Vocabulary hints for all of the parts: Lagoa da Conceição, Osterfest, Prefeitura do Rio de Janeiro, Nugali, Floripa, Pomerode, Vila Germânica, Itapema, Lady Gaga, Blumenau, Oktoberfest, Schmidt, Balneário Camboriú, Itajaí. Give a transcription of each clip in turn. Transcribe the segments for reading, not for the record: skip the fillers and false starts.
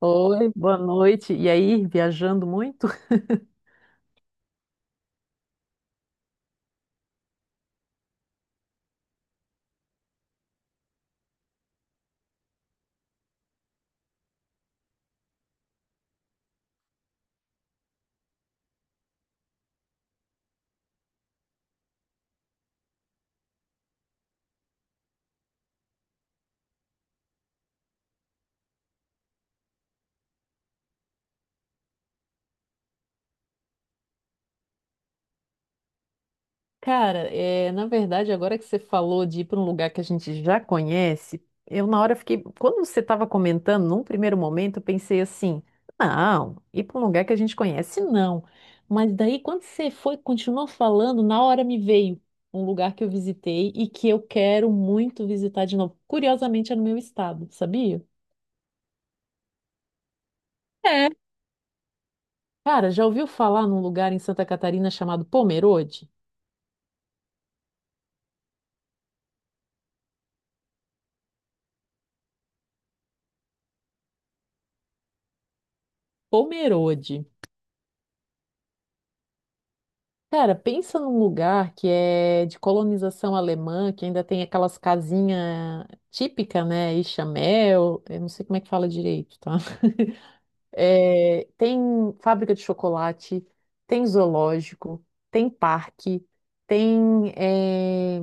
Oi, boa noite. E aí, viajando muito? Cara, na verdade, agora que você falou de ir para um lugar que a gente já conhece, eu na hora fiquei. Quando você estava comentando, num primeiro momento, eu pensei assim: não, ir para um lugar que a gente conhece, não. Mas daí, quando você foi, continuou falando, na hora me veio um lugar que eu visitei e que eu quero muito visitar de novo. Curiosamente, é no meu estado, sabia? É. Cara, já ouviu falar num lugar em Santa Catarina chamado Pomerode? Pomerode. Cara, pensa num lugar que é de colonização alemã, que ainda tem aquelas casinhas típicas, né? E chamel, eu não sei como é que fala direito, tá? É, tem fábrica de chocolate, tem zoológico, tem parque, tem.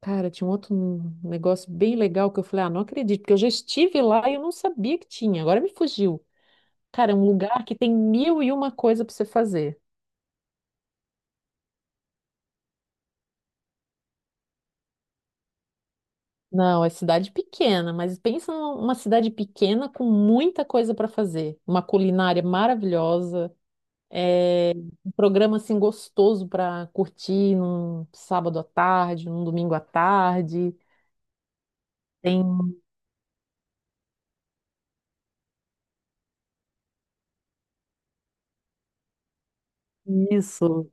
Cara, tinha um outro negócio bem legal que eu falei, ah, não acredito, porque eu já estive lá e eu não sabia que tinha, agora me fugiu. Cara, é um lugar que tem mil e uma coisa para você fazer. Não, é cidade pequena, mas pensa numa cidade pequena com muita coisa para fazer. Uma culinária maravilhosa, é, um programa assim gostoso para curtir num sábado à tarde, num domingo à tarde. Tem isso.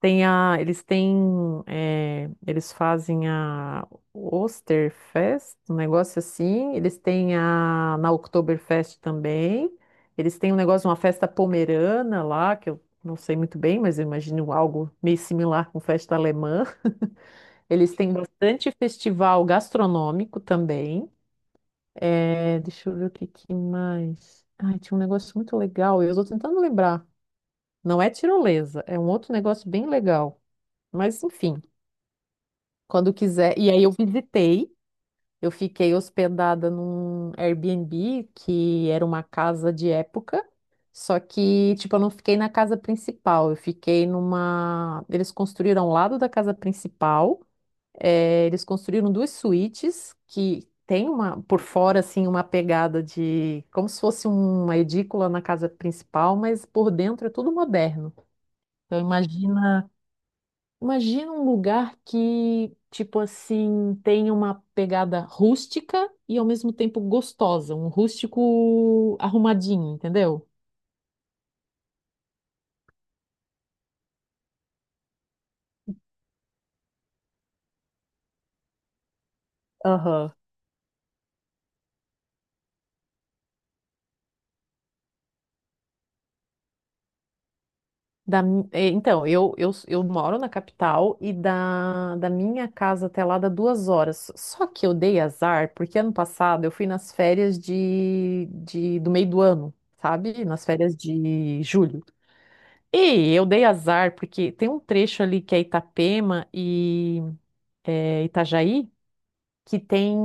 Tem a, eles têm, eles fazem a Osterfest, um negócio assim. Eles têm a na Oktoberfest também. Eles têm um negócio, uma festa pomerana lá, que eu não sei muito bem, mas eu imagino algo meio similar com festa alemã. Eles têm bastante festival gastronômico também. Deixa eu ver o que, que mais. Ai, tinha um negócio muito legal, eu estou tentando lembrar. Não é tirolesa, é um outro negócio bem legal. Mas enfim. Quando quiser. E aí eu visitei, eu fiquei hospedada num Airbnb que era uma casa de época, só que, tipo, eu não fiquei na casa principal, eu fiquei numa. Eles construíram ao lado da casa principal, eles construíram duas suítes que tem uma, por fora, assim, uma pegada de. Como se fosse uma edícula na casa principal, mas por dentro é tudo moderno. Então, imagina. Imagina um lugar que, tipo assim, tem uma pegada rústica e ao mesmo tempo gostosa, um rústico arrumadinho, entendeu? Aham. É, então, eu moro na capital e da minha casa até lá dá duas horas. Só que eu dei azar, porque ano passado eu fui nas férias do meio do ano, sabe? Nas férias de julho. E eu dei azar, porque tem um trecho ali que é Itapema e é, Itajaí, que tem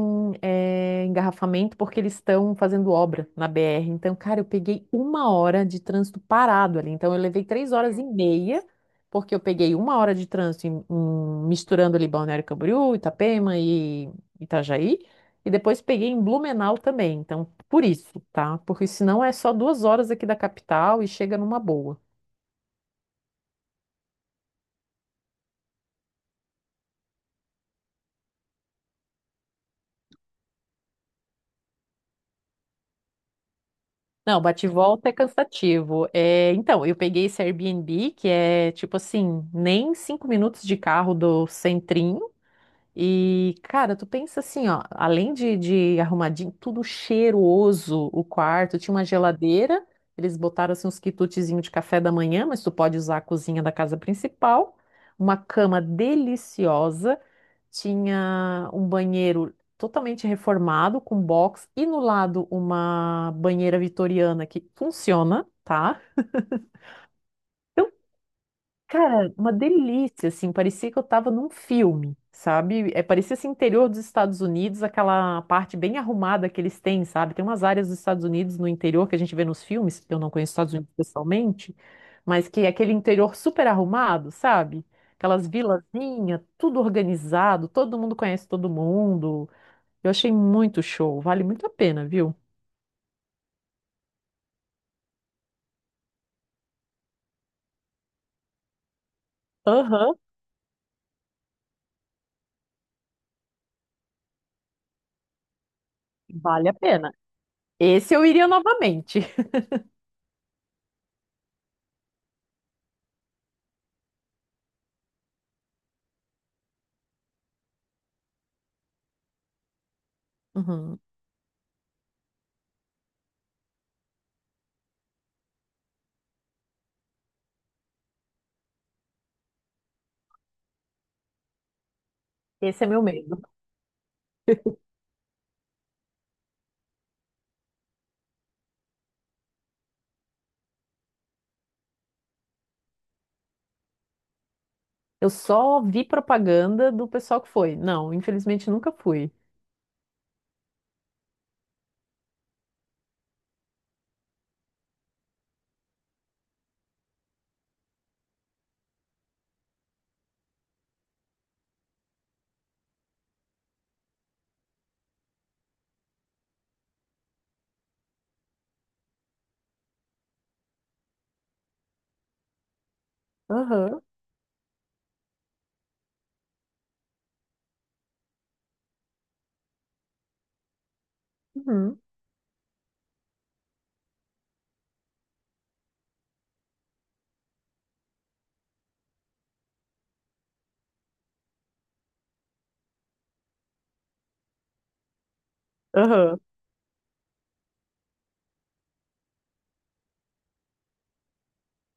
é, engarrafamento porque eles estão fazendo obra na BR. Então, cara, eu peguei uma hora de trânsito parado ali. Então, eu levei três horas e meia, porque eu peguei uma hora de trânsito misturando ali Balneário Camboriú, Itapema e Itajaí. E depois peguei em Blumenau também. Então, por isso, tá? Porque senão é só duas horas aqui da capital e chega numa boa. Não, bate e volta é cansativo. É, então, eu peguei esse Airbnb, que é tipo assim, nem cinco minutos de carro do centrinho. E, cara, tu pensa assim, ó, além de arrumadinho, tudo cheiroso o quarto, tinha uma geladeira, eles botaram assim uns quitutezinhos de café da manhã, mas tu pode usar a cozinha da casa principal, uma cama deliciosa. Tinha um banheiro totalmente reformado, com box, e no lado uma banheira vitoriana que funciona, tá? Cara, uma delícia, assim, parecia que eu tava num filme, sabe? É, parecia esse interior dos Estados Unidos, aquela parte bem arrumada que eles têm, sabe? Tem umas áreas dos Estados Unidos no interior que a gente vê nos filmes, eu não conheço os Estados Unidos pessoalmente, mas que é aquele interior super arrumado, sabe? Aquelas vilazinhas, tudo organizado, todo mundo conhece todo mundo. Eu achei muito show, vale muito a pena, viu? Aham, vale a pena. Esse eu iria novamente. Uhum. Esse é meu medo. Eu só vi propaganda do pessoal que foi. Não, infelizmente nunca fui. Aham. Uhum. Aham.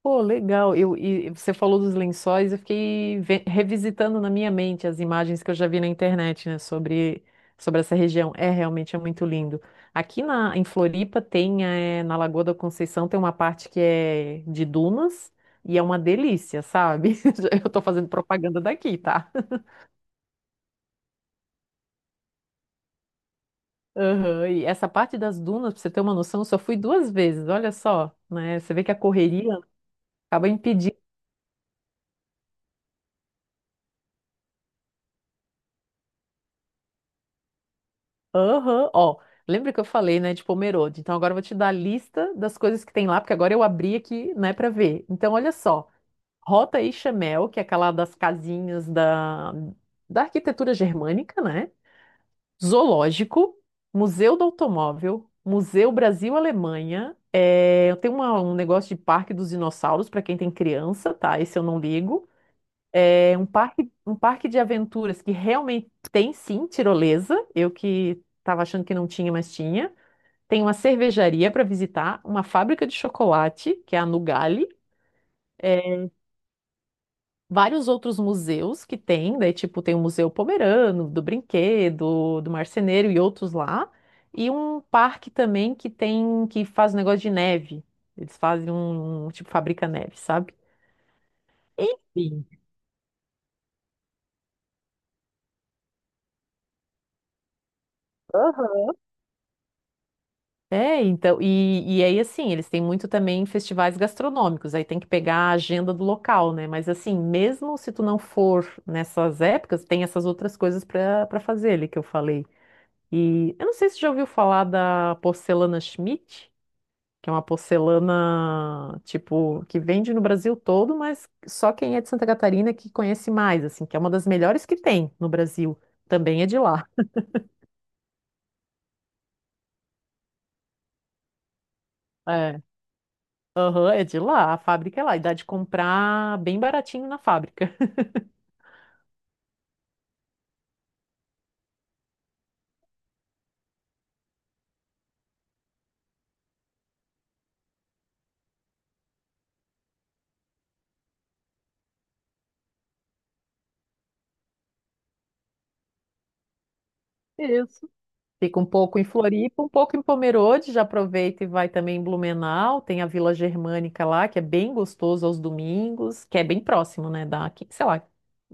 Pô, legal. Eu, e você falou dos lençóis, eu fiquei revisitando na minha mente as imagens que eu já vi na internet, né, sobre, sobre essa região. É, realmente é muito lindo. Aqui na, em Floripa tem, na Lagoa da Conceição, tem uma parte que é de dunas e é uma delícia, sabe? Eu tô fazendo propaganda daqui, tá? Aham. E essa parte das dunas, pra você ter uma noção, eu só fui duas vezes, olha só, né? Você vê que a correria acaba impedindo. Aham. Ó, lembra que eu falei, né, de Pomerode? Então agora eu vou te dar a lista das coisas que tem lá, porque agora eu abri aqui, né, pra ver. Então olha só, Rota e Chamel, que é aquela das casinhas da, da arquitetura germânica, né? Zoológico, Museu do Automóvel, Museu Brasil-Alemanha, é, tem um negócio de Parque dos Dinossauros para quem tem criança, tá? Esse eu não ligo. É um parque de aventuras que realmente tem sim tirolesa. Eu que estava achando que não tinha, mas tinha. Tem uma cervejaria para visitar, uma fábrica de chocolate, que é a Nugali. É, vários outros museus que tem, daí tipo tem o Museu Pomerano, do Brinquedo, do Marceneiro e outros lá. E um parque também que tem que faz um negócio de neve. Eles fazem um, tipo fabrica neve, sabe? Enfim. É, então, e aí assim, eles têm muito também festivais gastronômicos, aí tem que pegar a agenda do local, né? Mas assim, mesmo se tu não for nessas épocas, tem essas outras coisas para fazer ali que eu falei. E eu não sei se você já ouviu falar da porcelana Schmidt, que é uma porcelana, tipo, que vende no Brasil todo, mas só quem é de Santa Catarina que conhece mais, assim, que é uma das melhores que tem no Brasil, também é de lá. Aham, é de lá, a fábrica é lá, e dá de comprar bem baratinho na fábrica. Isso. Fica um pouco em Floripa, um pouco em Pomerode, já aproveita e vai também em Blumenau, tem a Vila Germânica lá, que é bem gostoso aos domingos, que é bem próximo, né, da, aqui, sei lá,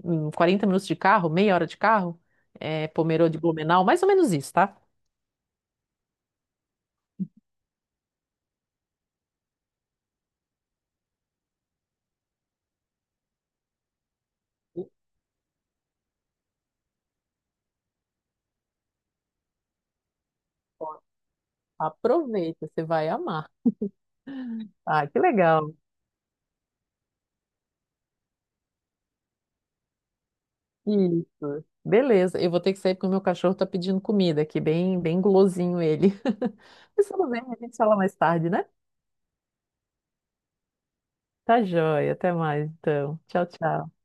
40 minutos de carro, meia hora de carro, é, Pomerode e Blumenau, mais ou menos isso, tá? Aproveita, você vai amar. Ah, que legal. Isso. Beleza, eu vou ter que sair porque o meu cachorro tá pedindo comida aqui, bem, bem gulosinho ele. Mas tudo bem, a gente fala mais tarde, né? Tá joia, até mais então. Tchau, tchau.